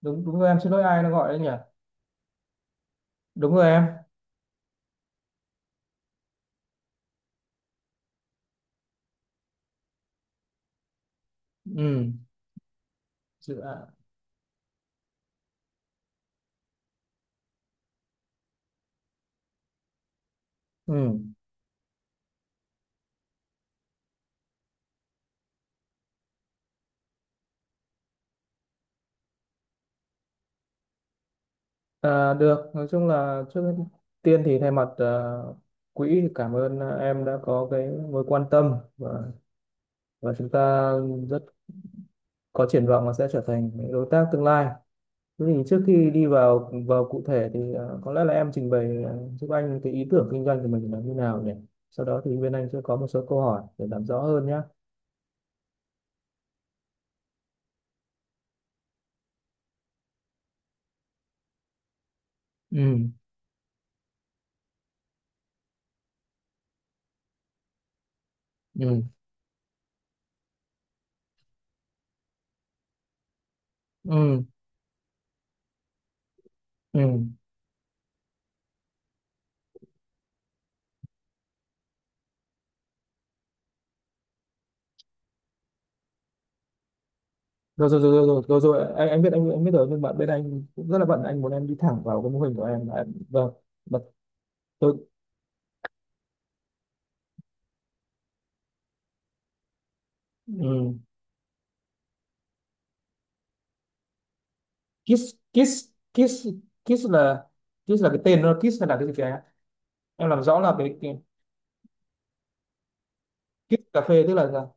Đúng đúng rồi, em xin lỗi, ai nó gọi đấy nhỉ? Đúng rồi em. ừ Dự ạ. ừ Được, nói chung là trước tiên thì thay mặt quỹ thì cảm ơn, em đã có cái mối quan tâm, và chúng ta rất có triển vọng là sẽ trở thành những đối tác tương lai. Thế thì trước khi đi vào vào cụ thể thì có lẽ là em trình bày, giúp anh cái ý tưởng kinh doanh của mình là như nào nhỉ? Sau đó thì bên anh sẽ có một số câu hỏi để làm rõ hơn nhé. Ừ, ừ, ừ, ừ. Rồi rồi rồi rồi rồi, rồi, rồi. Em biết anh, em biết rồi, nhưng mà bên anh cũng rất là bận, anh muốn em đi thẳng vào cái mô hình của em. Em- vâng mà tôi, um, KISS, KISS, KISS, KISS là, KISS là cái tên, nó KISS là cái gì kìa, em làm rõ là cái KISS cà phê tức là sao?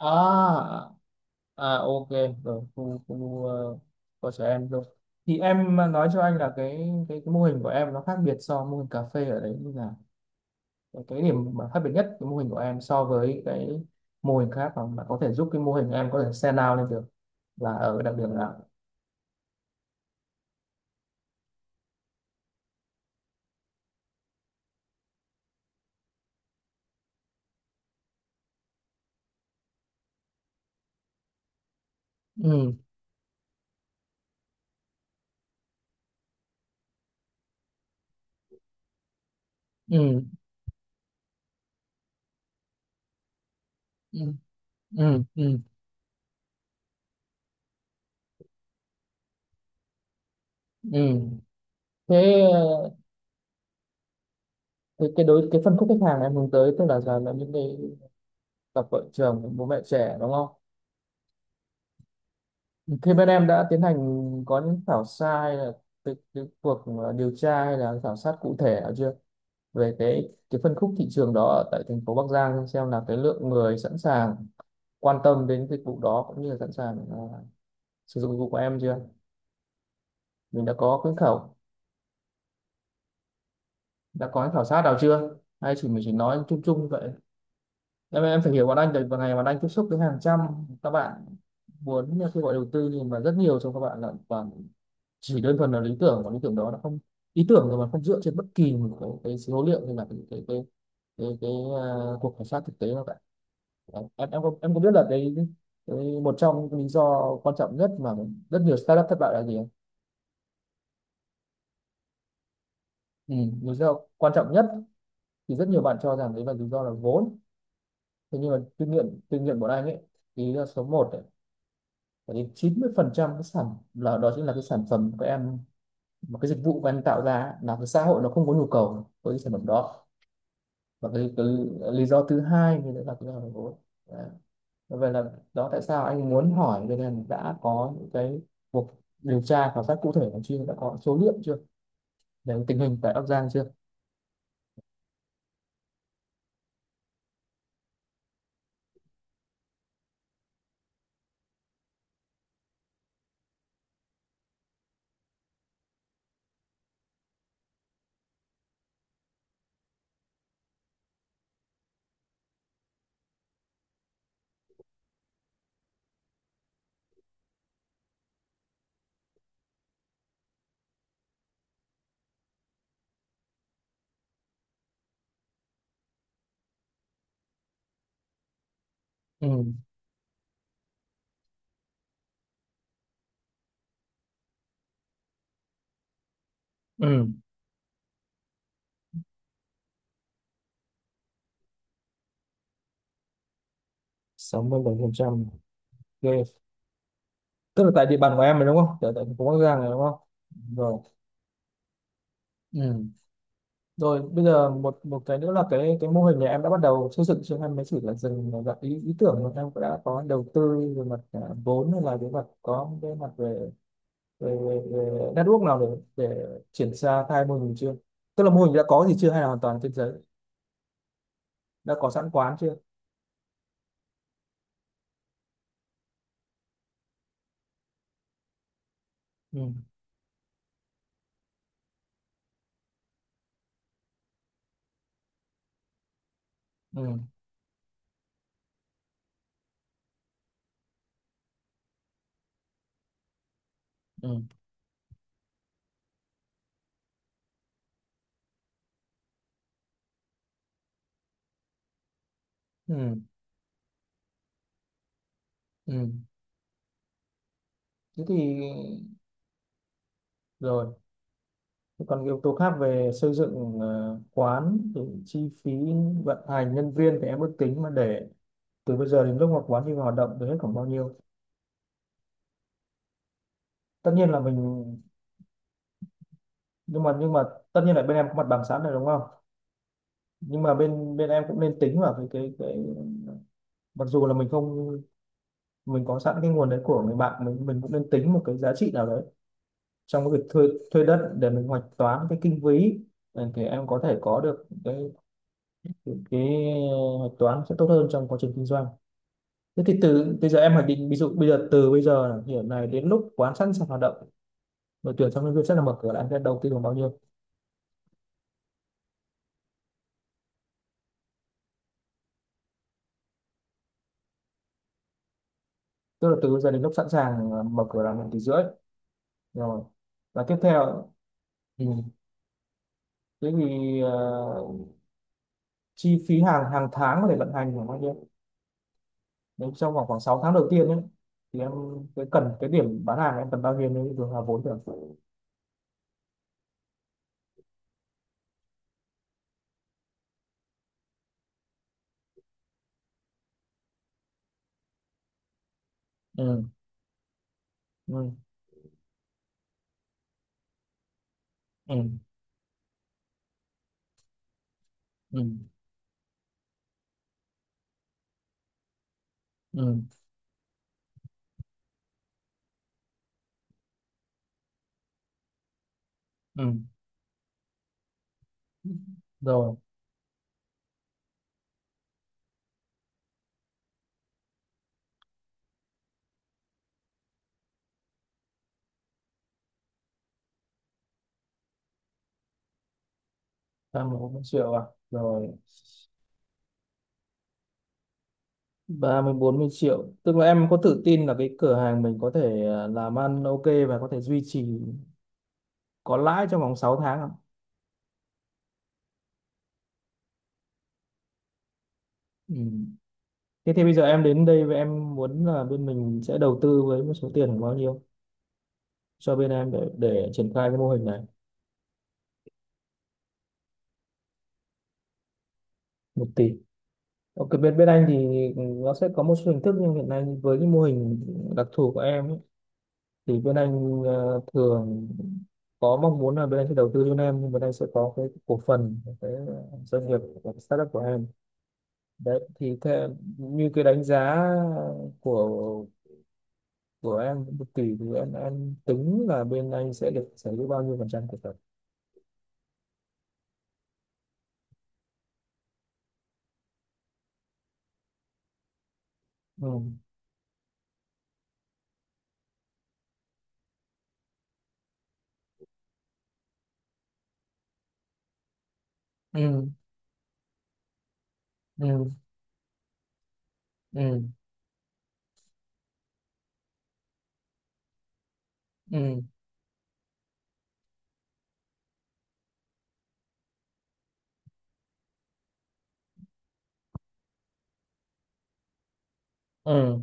À, à, ok, rồi khu khu uh, của trẻ em rồi. Thì em nói cho anh là cái mô hình của em nó khác biệt so với mô hình cà phê ở đấy như nào? Cái điểm mà khác biệt nhất cái mô hình của em so với cái mô hình khác mà có thể giúp cái mô hình em có thể stand out lên được là ở cái đặc điểm là, ừ, ừ, ừ, ừ, ừ, ừ. Thế, cái phân khúc khách hàng em hướng tới tức là là những cái cặp vợ chồng bố mẹ trẻ, đúng không? Khi bên em đã tiến hành có những khảo sát hay là cái cuộc, điều tra hay là khảo sát cụ thể nào chưa về cái phân khúc thị trường đó ở tại thành phố Bắc Giang, xem là cái lượng người sẵn sàng quan tâm đến dịch vụ đó cũng như là sẵn sàng, sử dụng dịch vụ của em chưa? Mình đã có cái khảo sát nào chưa hay chỉ mình chỉ nói chung chung như vậy? Em phải hiểu, bọn anh tại vào ngày bọn anh tiếp xúc với hàng trăm các bạn muốn kêu gọi đầu tư, nhưng mà rất nhiều trong các bạn là toàn chỉ đơn thuần là lý tưởng, và lý tưởng đó nó không, ý tưởng rồi mà không dựa trên bất kỳ một cái số liệu hay là cái à, cuộc khảo sát thực tế nào cả. Em có biết là cái một trong những lý do quan trọng nhất mà rất nhiều startup thất bại là gì? Ừ, lý do quan trọng nhất thì rất nhiều bạn cho rằng đấy là lý do là vốn. Thế nhưng mà kinh nghiệm của anh ấy thì lý do số một ấy, phải đến 90%, cái sản là đó chính là cái sản phẩm của em mà cái dịch vụ của em tạo ra ấy, là cái xã hội nó không có nhu cầu với cái sản phẩm đó. Và cái lý do thứ hai thì đấy là cái là vốn. Đấy, vậy là đó tại sao anh muốn hỏi, cho nên đã có những cái cuộc điều tra khảo sát cụ thể còn chưa, đã có số liệu chưa, về tình hình tại Bắc Giang chưa? Ừ, ừ, 67%, ghê. Tức là tại địa bàn của em rồi đúng không, tại tại thành phố Bắc Giang rồi đúng không? Rồi. Ừ. Rồi bây giờ một một cái nữa là cái mô hình này em đã bắt đầu xây dựng chứ? Em mới chỉ là dừng ở dạng ý tưởng, mà em cũng đã có đầu tư về mặt, vốn hay là về mặt, có cái mặt về về network nào để để triển ra khai mô hình chưa? Tức là mô hình đã có gì chưa hay là hoàn toàn trên giấy? Đã có sẵn quán chưa? Ừ, ừ, ừ, ừ, ừ. Thế thì, rồi còn cái yếu tố khác về xây dựng, quán thì chi phí vận hành nhân viên thì em ước tính mà để từ bây giờ đến lúc mà quán đi vào hoạt động thì hết khoảng bao nhiêu? Tất nhiên là mình, nhưng mà tất nhiên là bên em có mặt bằng sẵn rồi đúng không? Nhưng mà bên bên em cũng nên tính vào cái cái, mặc dù là mình không, mình có sẵn cái nguồn đấy của người bạn mình cũng nên tính một cái giá trị nào đấy trong cái việc thuê thuê đất để mình hoạch toán cái kinh phí. Ừ, thì em có thể có được cái cái hoạch toán sẽ tốt hơn trong quá trình kinh doanh. Thế thì từ bây giờ em hoạch định, ví dụ bây giờ từ bây giờ là hiện này đến lúc quán sẵn sàng hoạt động, đội tuyển trong nhân viên sẽ là mở cửa, là anh sẽ đầu tư khoảng bao nhiêu? Tức là từ bây giờ đến lúc sẵn sàng là mở cửa là 1,5 tỷ? Rồi, và tiếp theo, ừ. Thế thì, chi phí hàng hàng tháng có thể vận hành khoảng bao nhiêu nếu trong khoảng khoảng 6 tháng đầu tiên ấy, thì em, cái cần cái điểm bán hàng em cần bao nhiêu nếu được là vốn được. Ừ, ừ, ừ, ừ, ừ, ừ. Rồi, em 1 triệu à? Rồi, 30-40 triệu. Tức là em có tự tin là cái cửa hàng mình có thể, làm ăn ok và có thể duy trì có lãi trong vòng 6 tháng không? Ừ. Thế thì bây giờ em đến đây và em muốn là bên mình sẽ đầu tư với một số tiền khoảng bao nhiêu cho bên em để triển khai cái mô hình này? 1 tỷ. Ok, bên bên anh thì nó sẽ có một số hình thức, nhưng hiện nay với cái mô hình đặc thù của em ấy, thì bên anh, thường có mong muốn là bên anh sẽ đầu tư cho em nhưng bên anh sẽ có cái cổ phần của cái doanh nghiệp, của cái startup của em. Đấy thì theo như cái đánh giá của em 1 tỷ thì em tính là bên anh sẽ được sở hữu bao nhiêu phần trăm cổ phần? Ừ, ừ, ừ, ừ, ừ, ừ,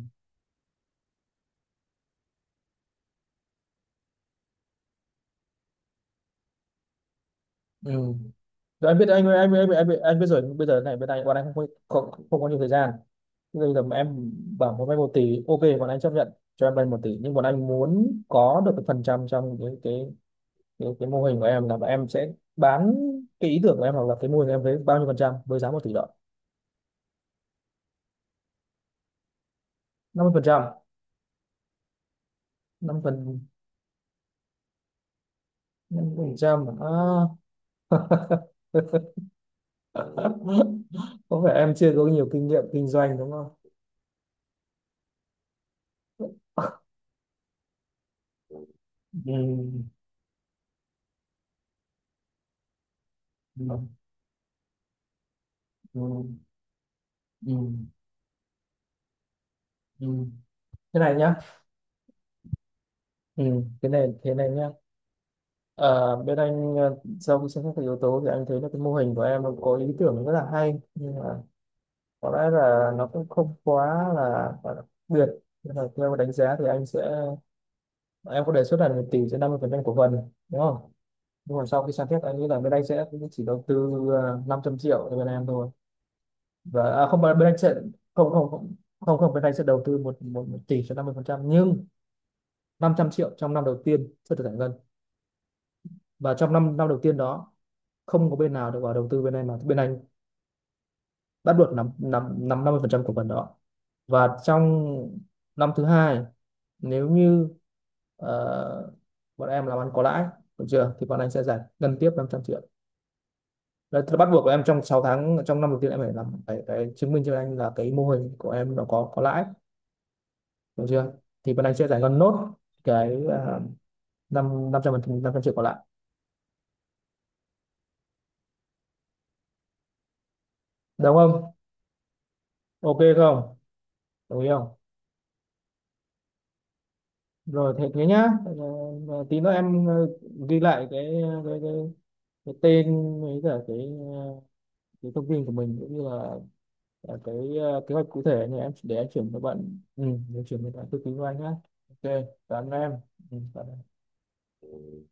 ừ. Rồi, em biết, anh biết rồi, nhưng bây giờ này bên anh, bọn anh không có, không có nhiều thời gian. Bây giờ mà em bảo muốn vay 1 tỷ, ok bọn anh chấp nhận cho em vay 1 tỷ, nhưng bọn anh muốn có được cái phần trăm trong cái mô hình của em, là em sẽ bán cái ý tưởng của em hoặc là cái mô hình của em với bao nhiêu phần trăm với giá 1 tỷ đồng? 50%? năm phần 5% à? Có vẻ em chưa có nhiều kinh nghiệm kinh doanh đúng không? Ừ, ừ, ừ, ừ, ừ. Thế này nhá. Ừ. Thế này nhá. Ờ, bên anh, sau khi xem xét các yếu tố thì anh thấy là cái mô hình của em có ý tưởng rất là hay, nhưng mà có lẽ là nó cũng không quá quá đặc biệt, nên là theo đánh giá thì anh sẽ, em có đề xuất là mình tỷ sẽ 50% cổ phần đúng không? Nhưng mà sau khi xem xét anh nghĩ là bên anh sẽ chỉ đầu tư, 500 triệu cho bên em thôi. Và không, bên anh sẽ, không không không không không, bên anh sẽ đầu tư một một, một tỷ cho 50%, nhưng 500 triệu trong năm đầu tiên sẽ được giải ngân, và trong năm năm đầu tiên đó không có bên nào được vào đầu tư bên anh mà bên anh bắt buộc nắm nắm nắm 50% cổ phần đó. Và trong năm thứ hai, nếu như, ờ, bọn em làm ăn có lãi, được chưa, thì bọn anh sẽ giải ngân tiếp 500 triệu. Đấy, thì bắt buộc của em trong 6 tháng trong năm đầu tiên em phải làm, phải chứng minh cho anh là cái mô hình của em nó có lãi, được chưa, thì bọn anh sẽ giải ngân nốt cái năm năm trăm phần 500 triệu còn lại đúng không? Ok không? Đồng ý không? Rồi, thế thế nhá. Ờ, tí nữa em, ghi lại cái cái tên với cả cái, ờ, cái thông tin của mình cũng như là cái, kế hoạch cụ thể này em để em chuyển cho bạn, để chuyển cho bạn tư vấn của anh nhé. Ok, cảm ơn em. Cảm ơn.